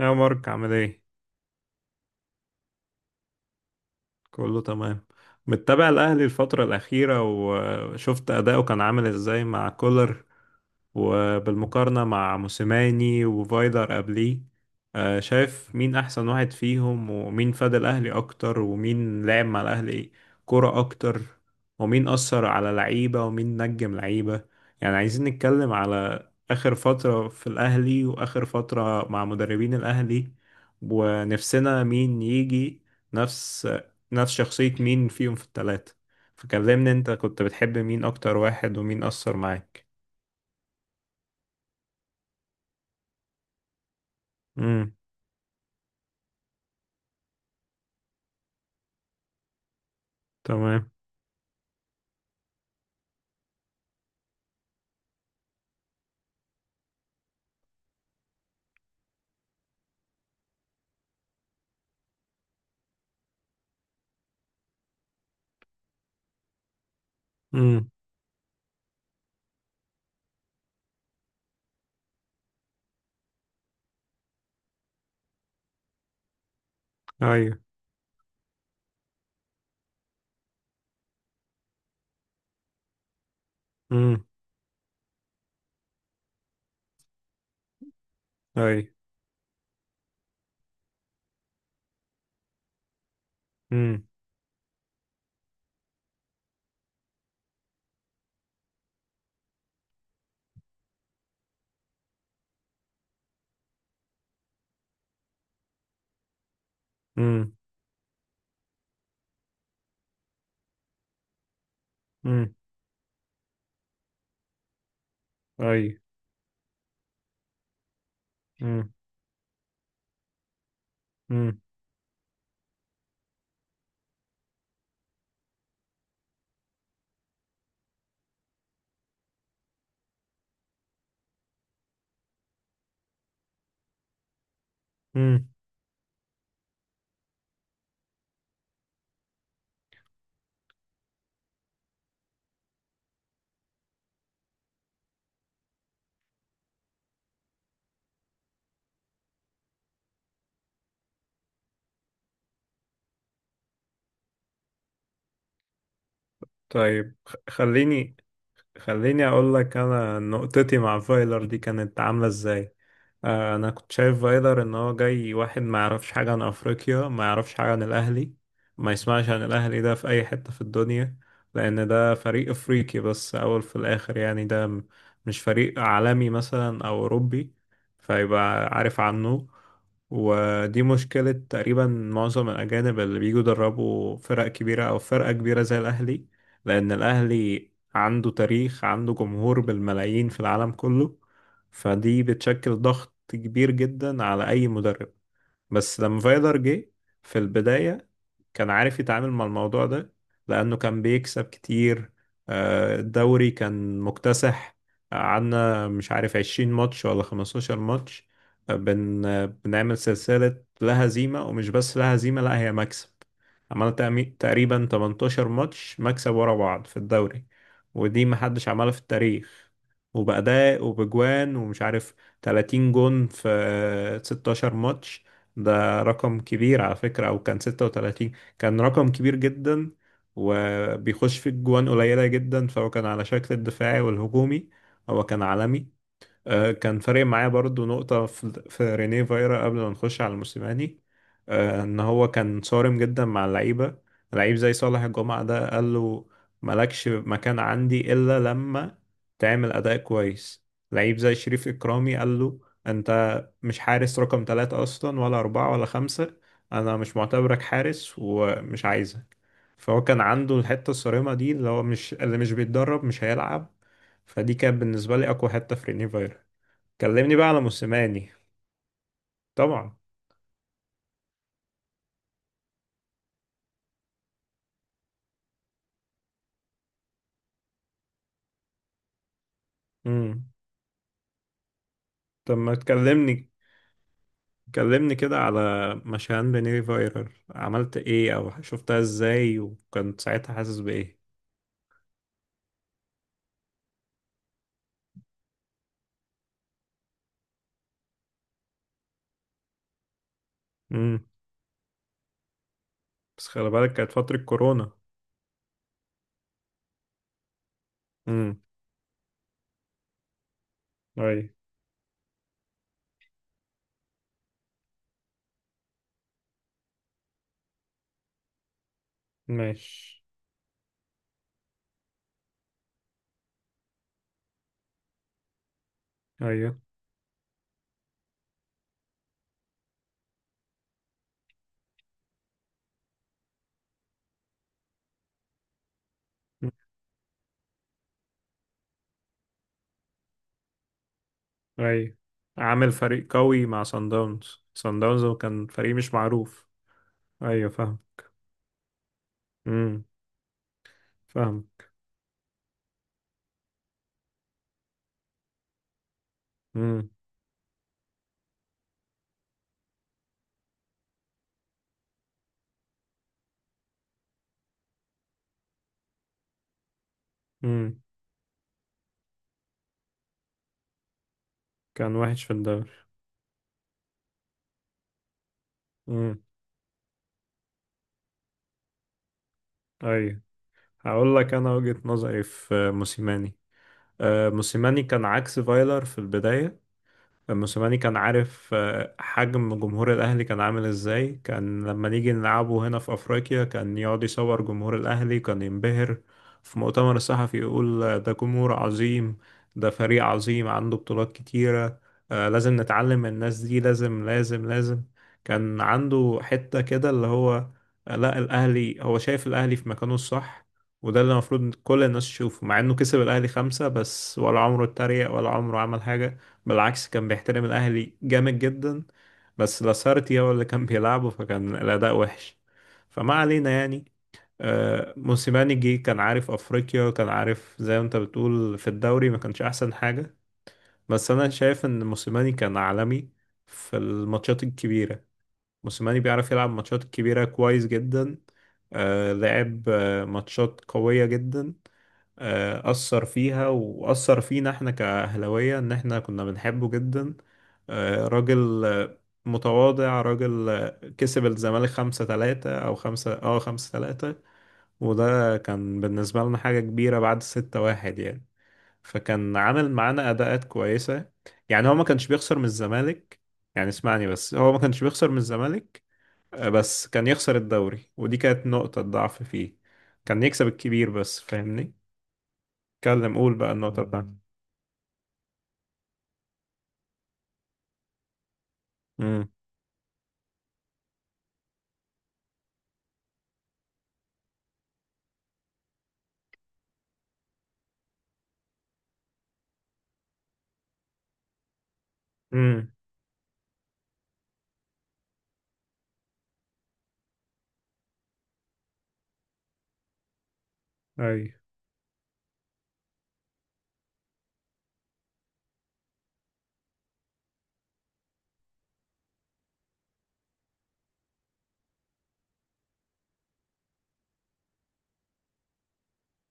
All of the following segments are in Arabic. يا مارك، عامل ايه؟ كله تمام. متابع الأهلي الفترة الأخيرة وشفت أداؤه كان عامل إزاي مع كولر، وبالمقارنة مع موسيماني وفايلر قبليه. شايف مين أحسن واحد فيهم، ومين فاد الأهلي أكتر، ومين لعب مع الأهلي كرة أكتر، ومين أثر على لعيبة، ومين نجم لعيبة. يعني عايزين نتكلم على آخر فترة في الأهلي وآخر فترة مع مدربين الأهلي، ونفسنا مين يجي نفس نفس شخصية مين فيهم في التلاتة. فكلمني، انت كنت بتحب مين اكتر واحد ومين اثر معاك؟ امم. تمام. امم. ايوه. امم. ايوه. امم. امم. امم. ايوه. امم. امم. امم. طيب، خليني اقول لك، انا نقطتي مع فايلر دي كانت عامله ازاي. انا كنت شايف فايلر ان هو جاي واحد ما يعرفش حاجه عن افريقيا، ما يعرفش حاجه عن الاهلي، ما يسمعش عن الاهلي ده في اي حته في الدنيا، لان ده فريق افريقي بس اول في الاخر. يعني ده مش فريق عالمي مثلا او اوروبي فيبقى عارف عنه. ودي مشكلة تقريبا معظم الأجانب اللي بيجوا يدربوا فرق كبيرة أو فرقة كبيرة زي الأهلي. لأن الأهلي عنده تاريخ، عنده جمهور بالملايين في العالم كله، فدي بتشكل ضغط كبير جدا على أي مدرب. بس لما فايلر جه في البداية، كان عارف يتعامل مع الموضوع ده، لأنه كان بيكسب كتير. الدوري كان مكتسح، عنا مش عارف 20 ماتش ولا 15 ماتش. آه، بن آه، بنعمل سلسلة لا هزيمة، ومش بس لا هزيمة، لا هي مكسب. عملنا تقريبا 18 ماتش مكسب ورا بعض في الدوري، ودي محدش عملها في التاريخ. وبأداء وبجوان ومش عارف، 30 جون في 16 ماتش. ده رقم كبير على فكرة، أو كان 36. كان رقم كبير جدا، وبيخش في الجوان قليلة جدا، فهو كان على شكل الدفاعي والهجومي. هو كان عالمي. كان فارق معايا برضو نقطة في رينيه فايرا قبل ما نخش على الموسيماني. إن هو كان صارم جدا مع اللعيبة. لعيب زي صالح الجمعة ده قال له: مالكش مكان عندي إلا لما تعمل أداء كويس. لعيب زي شريف إكرامي قال له: أنت مش حارس رقم 3 أصلا، ولا 4 ولا 5. أنا مش معتبرك حارس ومش عايزك. فهو كان عنده الحتة الصارمة دي، اللي هو مش، اللي مش بيتدرب مش هيلعب. فدي كانت بالنسبة لي أقوى حتة في رينيه فايرا. كلمني بقى على موسيماني. طبعا. امم. طب ما تكلمني، كلمني كده على مشان بنيري فايرال عملت ايه او شفتها ازاي وكنت ساعتها حاسس بايه. امم. بس خلي بالك كانت فترة كورونا. امم. اي. ماشي. ايوه. مم. ايوه. عامل فريق قوي مع سان داونز، سان داونز كان فريق مش معروف. ايوه، فاهم. امم. فاهم. امم. امم. كان وحش في الدوري. امم. ايوه. هقول لك انا وجهة نظري في موسيماني. موسيماني كان عكس فايلر في البداية. موسيماني كان عارف حجم جمهور الأهلي كان عامل إزاي. كان لما نيجي نلعبه هنا في أفريقيا كان يقعد يصور جمهور الأهلي، كان ينبهر في مؤتمر الصحفي. يقول: ده جمهور عظيم، ده فريق عظيم عنده بطولات كتيرة. لازم نتعلم من الناس دي، لازم لازم لازم. كان عنده حتة كده اللي هو لا، الأهلي، هو شايف الأهلي في مكانه الصح. وده اللي المفروض كل الناس تشوفه، مع إنه كسب الأهلي خمسة بس، ولا عمره اتريق ولا عمره عمل حاجة. بالعكس، كان بيحترم الأهلي جامد جدا. بس لاسارتي هو اللي كان بيلعبه، فكان الأداء وحش. فما علينا يعني. موسيماني جه كان عارف أفريقيا، كان عارف زي ما أنت بتقول في الدوري ما كانش أحسن حاجة. بس أنا شايف إن موسيماني كان عالمي في الماتشات الكبيرة. موسيماني بيعرف يلعب ماتشات كبيرة كويس جدا. لعب ماتشات قوية جدا. أثر فيها، وأثر فينا احنا كأهلاوية، إن احنا كنا بنحبه جدا. راجل متواضع. راجل كسب الزمالك 5-3، أو خمسة، 5-3. وده كان بالنسبة لنا حاجة كبيرة بعد 6-1 يعني. فكان عامل معانا أداءات كويسة. يعني هو ما كانش بيخسر من الزمالك. يعني اسمعني بس، هو ما كانش بيخسر من الزمالك. بس كان يخسر الدوري، ودي كانت نقطة ضعف فيه. كان يكسب الكبير بس، فاهمني. اتكلم، قول بقى النقطة بتاعتي. مم. امم. امم. اي.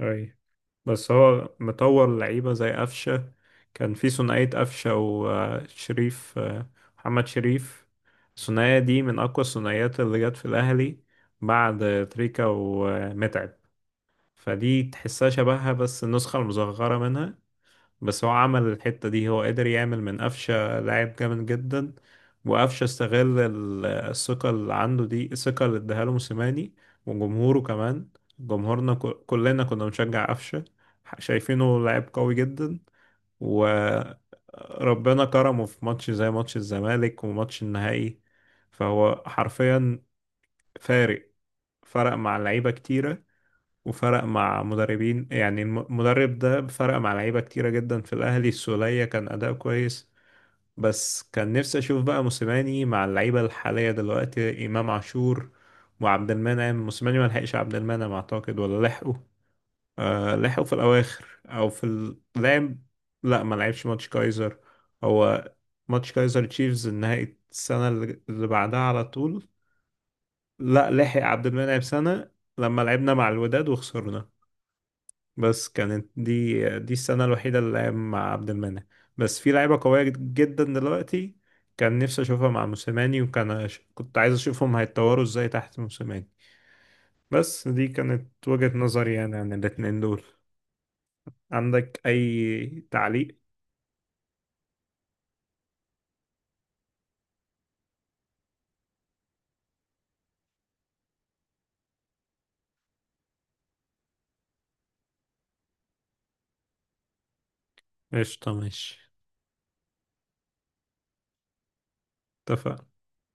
اي، بس هو مطور لعيبة زي قفشة. كان في ثنائية قفشة وشريف، محمد شريف. الثنائية دي من أقوى الثنائيات اللي جت في الأهلي بعد تريكا ومتعب. فدي تحسها شبهها، بس النسخة المصغرة منها. بس هو عمل الحتة دي، هو قدر يعمل من قفشة لاعب جامد جدا. وقفشة استغل الثقة اللي عنده دي، الثقة اللي اداها له موسيماني وجمهوره كمان. جمهورنا كلنا كنا بنشجع قفشة، شايفينه لاعب قوي جدا. وربنا كرمه في ماتش زي ماتش الزمالك وماتش النهائي. فهو حرفيا فارق، فرق مع لعيبة كتيرة، وفرق مع مدربين. يعني المدرب ده فرق مع لعيبة كتيرة جدا في الأهلي. السولية كان أداء كويس. بس كان نفسي أشوف بقى موسيماني مع اللعيبة الحالية دلوقتي، إمام عاشور وعبد المنعم. موسيماني ما لحقش عبد المنعم أعتقد، ولا لحقه؟ آه لحقه في الأواخر، أو في اللعب. لا ما لعبش ماتش كايزر. هو ماتش كايزر تشيفز نهائي السنة اللي بعدها على طول. لا، لحق عبد المنعم سنة لما لعبنا مع الوداد وخسرنا. بس كانت دي السنة الوحيدة اللي لعب مع عبد المنعم. بس في لعيبة قوية جدا دلوقتي، كان نفسي أشوفها مع موسيماني، وكان كنت عايز أشوفهم هيتطوروا إزاي تحت موسيماني. بس دي كانت وجهة نظري يعني عن الاتنين دول. عندك أي تعليق؟ قشطة، ماشي. اتفقنا.